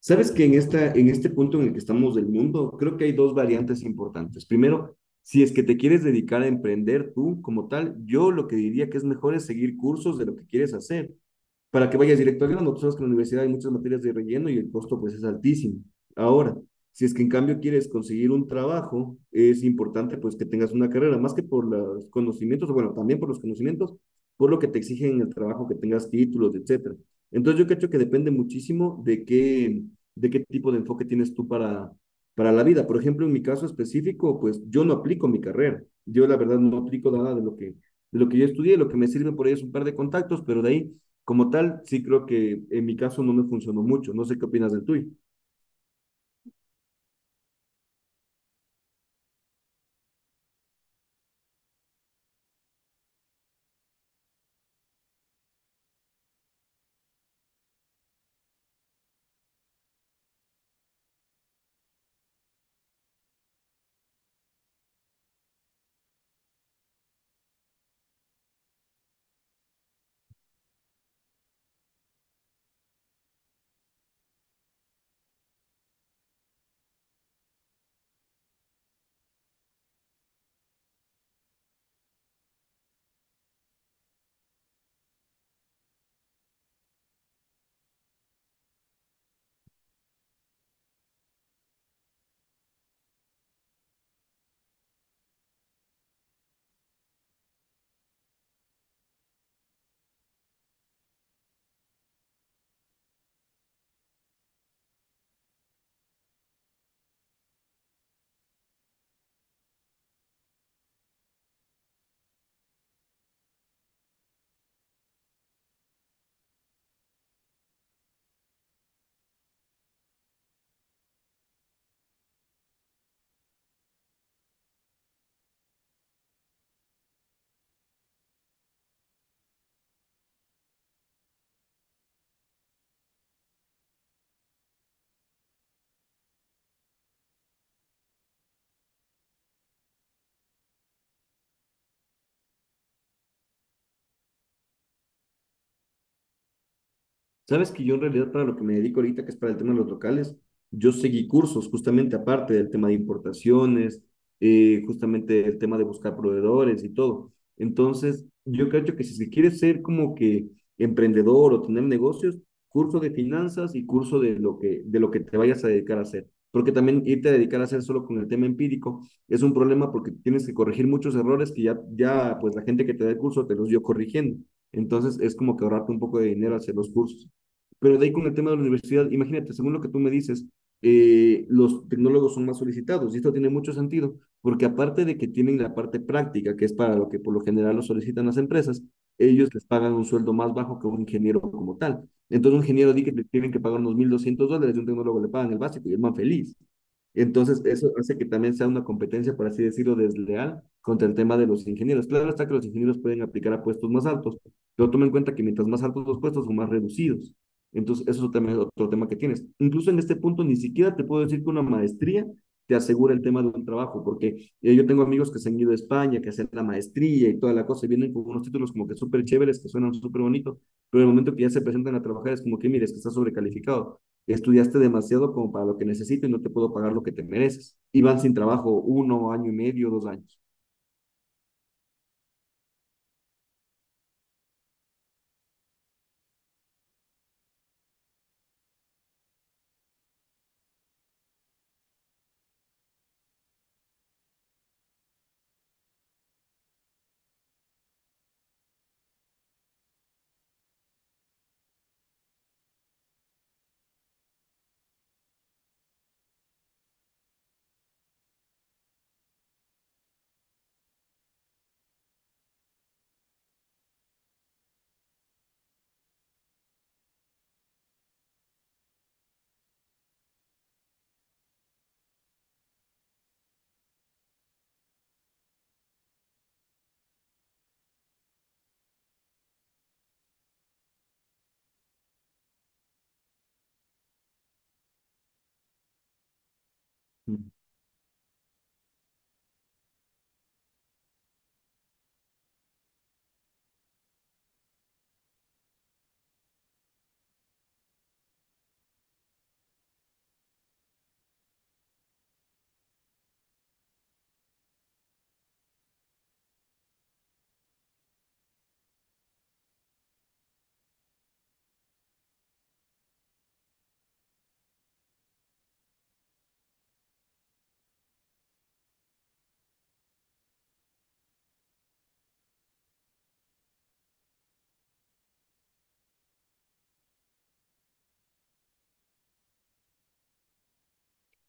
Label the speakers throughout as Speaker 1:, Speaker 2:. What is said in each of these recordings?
Speaker 1: Sabes que en este punto en el que estamos del mundo, creo que hay dos variantes importantes. Primero, si es que te quieres dedicar a emprender tú como tal, yo lo que diría que es mejor es seguir cursos de lo que quieres hacer para que vayas directo al grano. Tú sabes que en la universidad hay muchas materias de relleno y el costo pues es altísimo. Ahora, si es que en cambio quieres conseguir un trabajo, es importante pues que tengas una carrera, más que por los conocimientos, bueno, también por los conocimientos, por lo que te exigen en el trabajo, que tengas títulos, etcétera. Entonces yo creo que depende muchísimo de qué tipo de enfoque tienes tú para la vida. Por ejemplo, en mi caso específico, pues yo no aplico mi carrera. Yo la verdad no aplico nada de lo que yo estudié. Lo que me sirve por ahí es un par de contactos, pero de ahí como tal, sí creo que en mi caso no me funcionó mucho. No sé qué opinas del tuyo. Sabes que yo en realidad para lo que me dedico ahorita, que es para el tema de los locales, yo seguí cursos justamente aparte del tema de importaciones, justamente el tema de buscar proveedores y todo. Entonces, yo creo que si se quiere ser como que emprendedor o tener negocios, curso de finanzas y curso de lo que te vayas a dedicar a hacer. Porque también irte a dedicar a hacer solo con el tema empírico es un problema porque tienes que corregir muchos errores que ya pues la gente que te da el curso te los dio corrigiendo. Entonces, es como que ahorrarte un poco de dinero hacer los cursos. Pero de ahí con el tema de la universidad, imagínate, según lo que tú me dices, los tecnólogos son más solicitados y esto tiene mucho sentido, porque aparte de que tienen la parte práctica, que es para lo que por lo general lo solicitan las empresas, ellos les pagan un sueldo más bajo que un ingeniero como tal. Entonces, un ingeniero di que le tienen que pagar unos $1,200 y un tecnólogo le pagan el básico y es más feliz. Entonces, eso hace que también sea una competencia, por así decirlo, desleal contra el tema de los ingenieros. Claro está que los ingenieros pueden aplicar a puestos más altos, pero toma en cuenta que mientras más altos los puestos son más reducidos. Entonces, eso también es otro tema que tienes. Incluso en este punto, ni siquiera te puedo decir que una maestría te asegura el tema de un trabajo, porque yo tengo amigos que se han ido a España, que hacen la maestría y toda la cosa, y vienen con unos títulos como que súper chéveres, que suenan súper bonitos, pero el momento que ya se presentan a trabajar es como que, mire, es que estás sobrecalificado, estudiaste demasiado como para lo que necesito y no te puedo pagar lo que te mereces. Y van sin trabajo uno, año y medio, dos años. ¿Mm?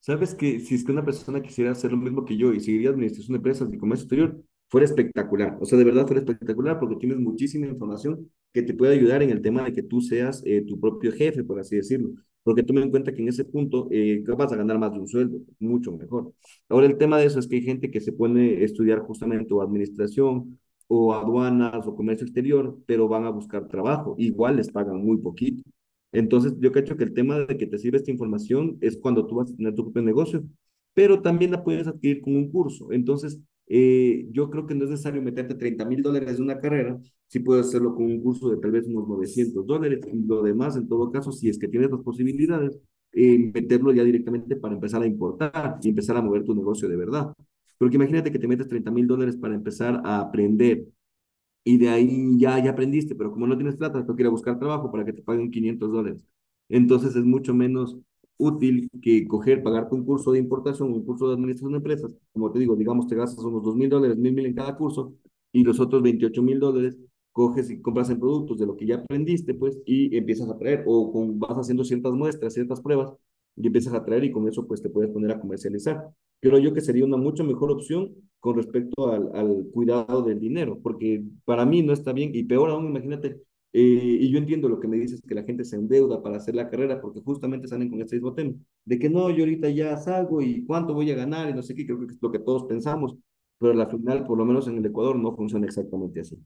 Speaker 1: Sabes que si es que una persona quisiera hacer lo mismo que yo y seguiría administración de empresas y comercio exterior, fuera espectacular. O sea, de verdad fuera espectacular porque tienes muchísima información que te puede ayudar en el tema de que tú seas tu propio jefe, por así decirlo. Porque toma en cuenta que en ese punto vas a ganar más de un sueldo, mucho mejor. Ahora, el tema de eso es que hay gente que se pone a estudiar justamente o administración o aduanas o comercio exterior, pero van a buscar trabajo. Igual les pagan muy poquito. Entonces, yo cacho que el tema de que te sirve esta información es cuando tú vas a tener tu propio negocio, pero también la puedes adquirir con un curso. Entonces, yo creo que no es necesario meterte $30,000 de una carrera, si puedes hacerlo con un curso de tal vez unos $900 y lo demás, en todo caso, si es que tienes las posibilidades, meterlo ya directamente para empezar a importar y empezar a mover tu negocio de verdad. Porque imagínate que te metes $30,000 para empezar a aprender y de ahí ya aprendiste, pero como no tienes plata, toca ir a buscar trabajo para que te paguen $500. Entonces es mucho menos útil que coger, pagarte un curso de importación, un curso de administración de empresas. Como te digo, digamos, te gastas unos 2 mil dólares, mil mil en cada curso y los otros 28 mil dólares coges y compras en productos de lo que ya aprendiste, pues, y empiezas a traer o con, vas haciendo ciertas muestras, ciertas pruebas y empiezas a traer y con eso pues te puedes poner a comercializar creo yo que sería una mucho mejor opción con respecto al cuidado del dinero, porque para mí no está bien, y peor aún, imagínate, y yo entiendo lo que me dices, que la gente se endeuda para hacer la carrera, porque justamente salen con este mismo tema, de que no, yo ahorita ya salgo y cuánto voy a ganar y no sé qué, creo que es lo que todos pensamos, pero al final, por lo menos en el Ecuador, no funciona exactamente así.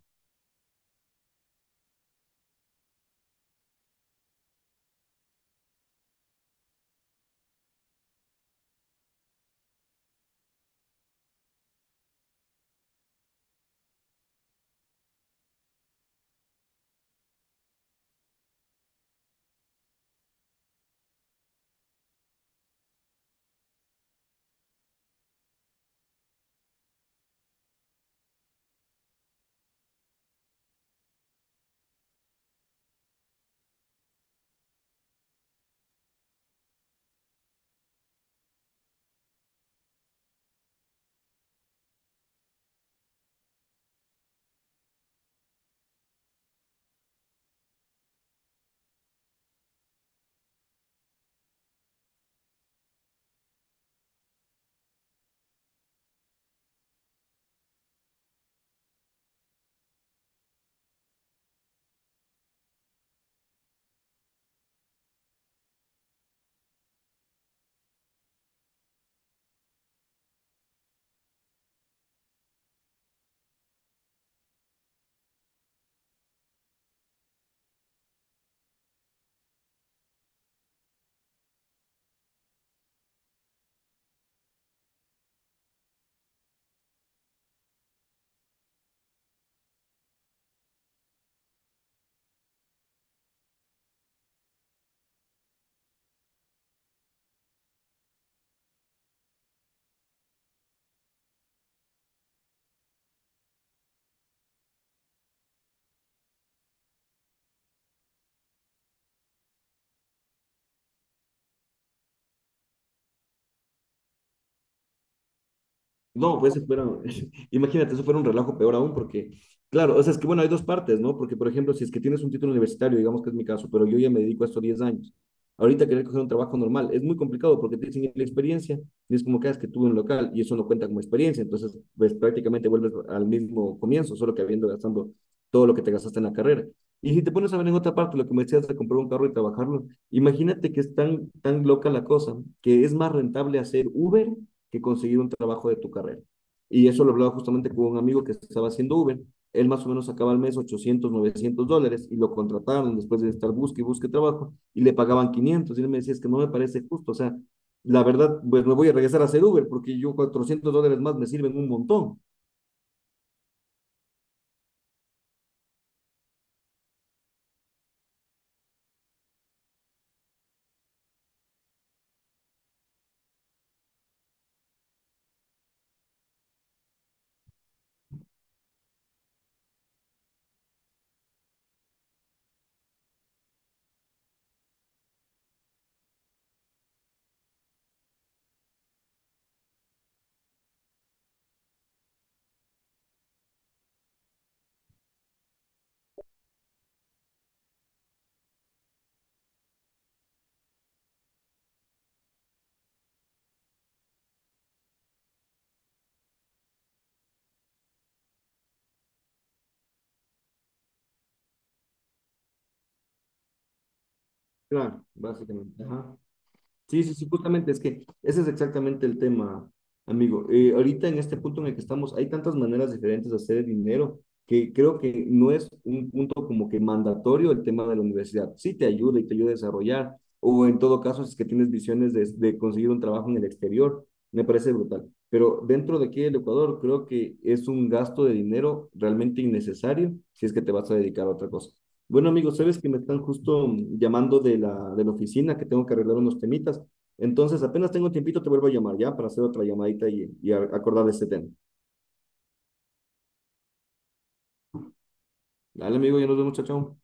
Speaker 1: No, pues eso fuera, imagínate, eso fuera un relajo peor aún, porque, claro, o sea, es que bueno, hay dos partes, ¿no? Porque, por ejemplo, si es que tienes un título universitario, digamos que es mi caso, pero yo ya me dedico a esto 10 años, ahorita querer coger un trabajo normal es muy complicado porque te dicen "¿Y la experiencia, y es como que "Ah, es que tuve un local y eso no cuenta como experiencia, entonces, pues prácticamente vuelves al mismo comienzo, solo que habiendo gastando todo lo que te gastaste en la carrera. Y si te pones a ver en otra parte lo que me decías de comprar un carro y trabajarlo, imagínate que es tan, tan loca la cosa, que es más rentable hacer Uber que conseguir un trabajo de tu carrera. Y eso lo hablaba justamente con un amigo que estaba haciendo Uber. Él más o menos sacaba al mes 800 $900 y lo contrataron después de estar busque y busque trabajo y le pagaban quinientos. Y él me decía, es que no me parece justo. O sea, la verdad, pues me voy a regresar a hacer Uber porque yo $400 más me sirven un montón. Claro, básicamente. Ajá. Sí, sí, sí, justamente es que ese es exactamente el tema, amigo. Ahorita en este punto en el que estamos, hay tantas maneras diferentes de hacer dinero que creo que no es un punto como que mandatorio el tema de la universidad. Sí te ayuda y te ayuda a desarrollar, o en todo caso, si es que tienes visiones de conseguir un trabajo en el exterior, me parece brutal. Pero dentro de aquí del Ecuador, creo que es un gasto de dinero realmente innecesario si es que te vas a dedicar a otra cosa. Bueno, amigo, sabes que me están justo llamando de la oficina, que tengo que arreglar unos temitas. Entonces, apenas tengo tiempito, te vuelvo a llamar ya para hacer otra llamadita y, acordar de este tema. Dale, amigo, ya nos vemos, chao, chao.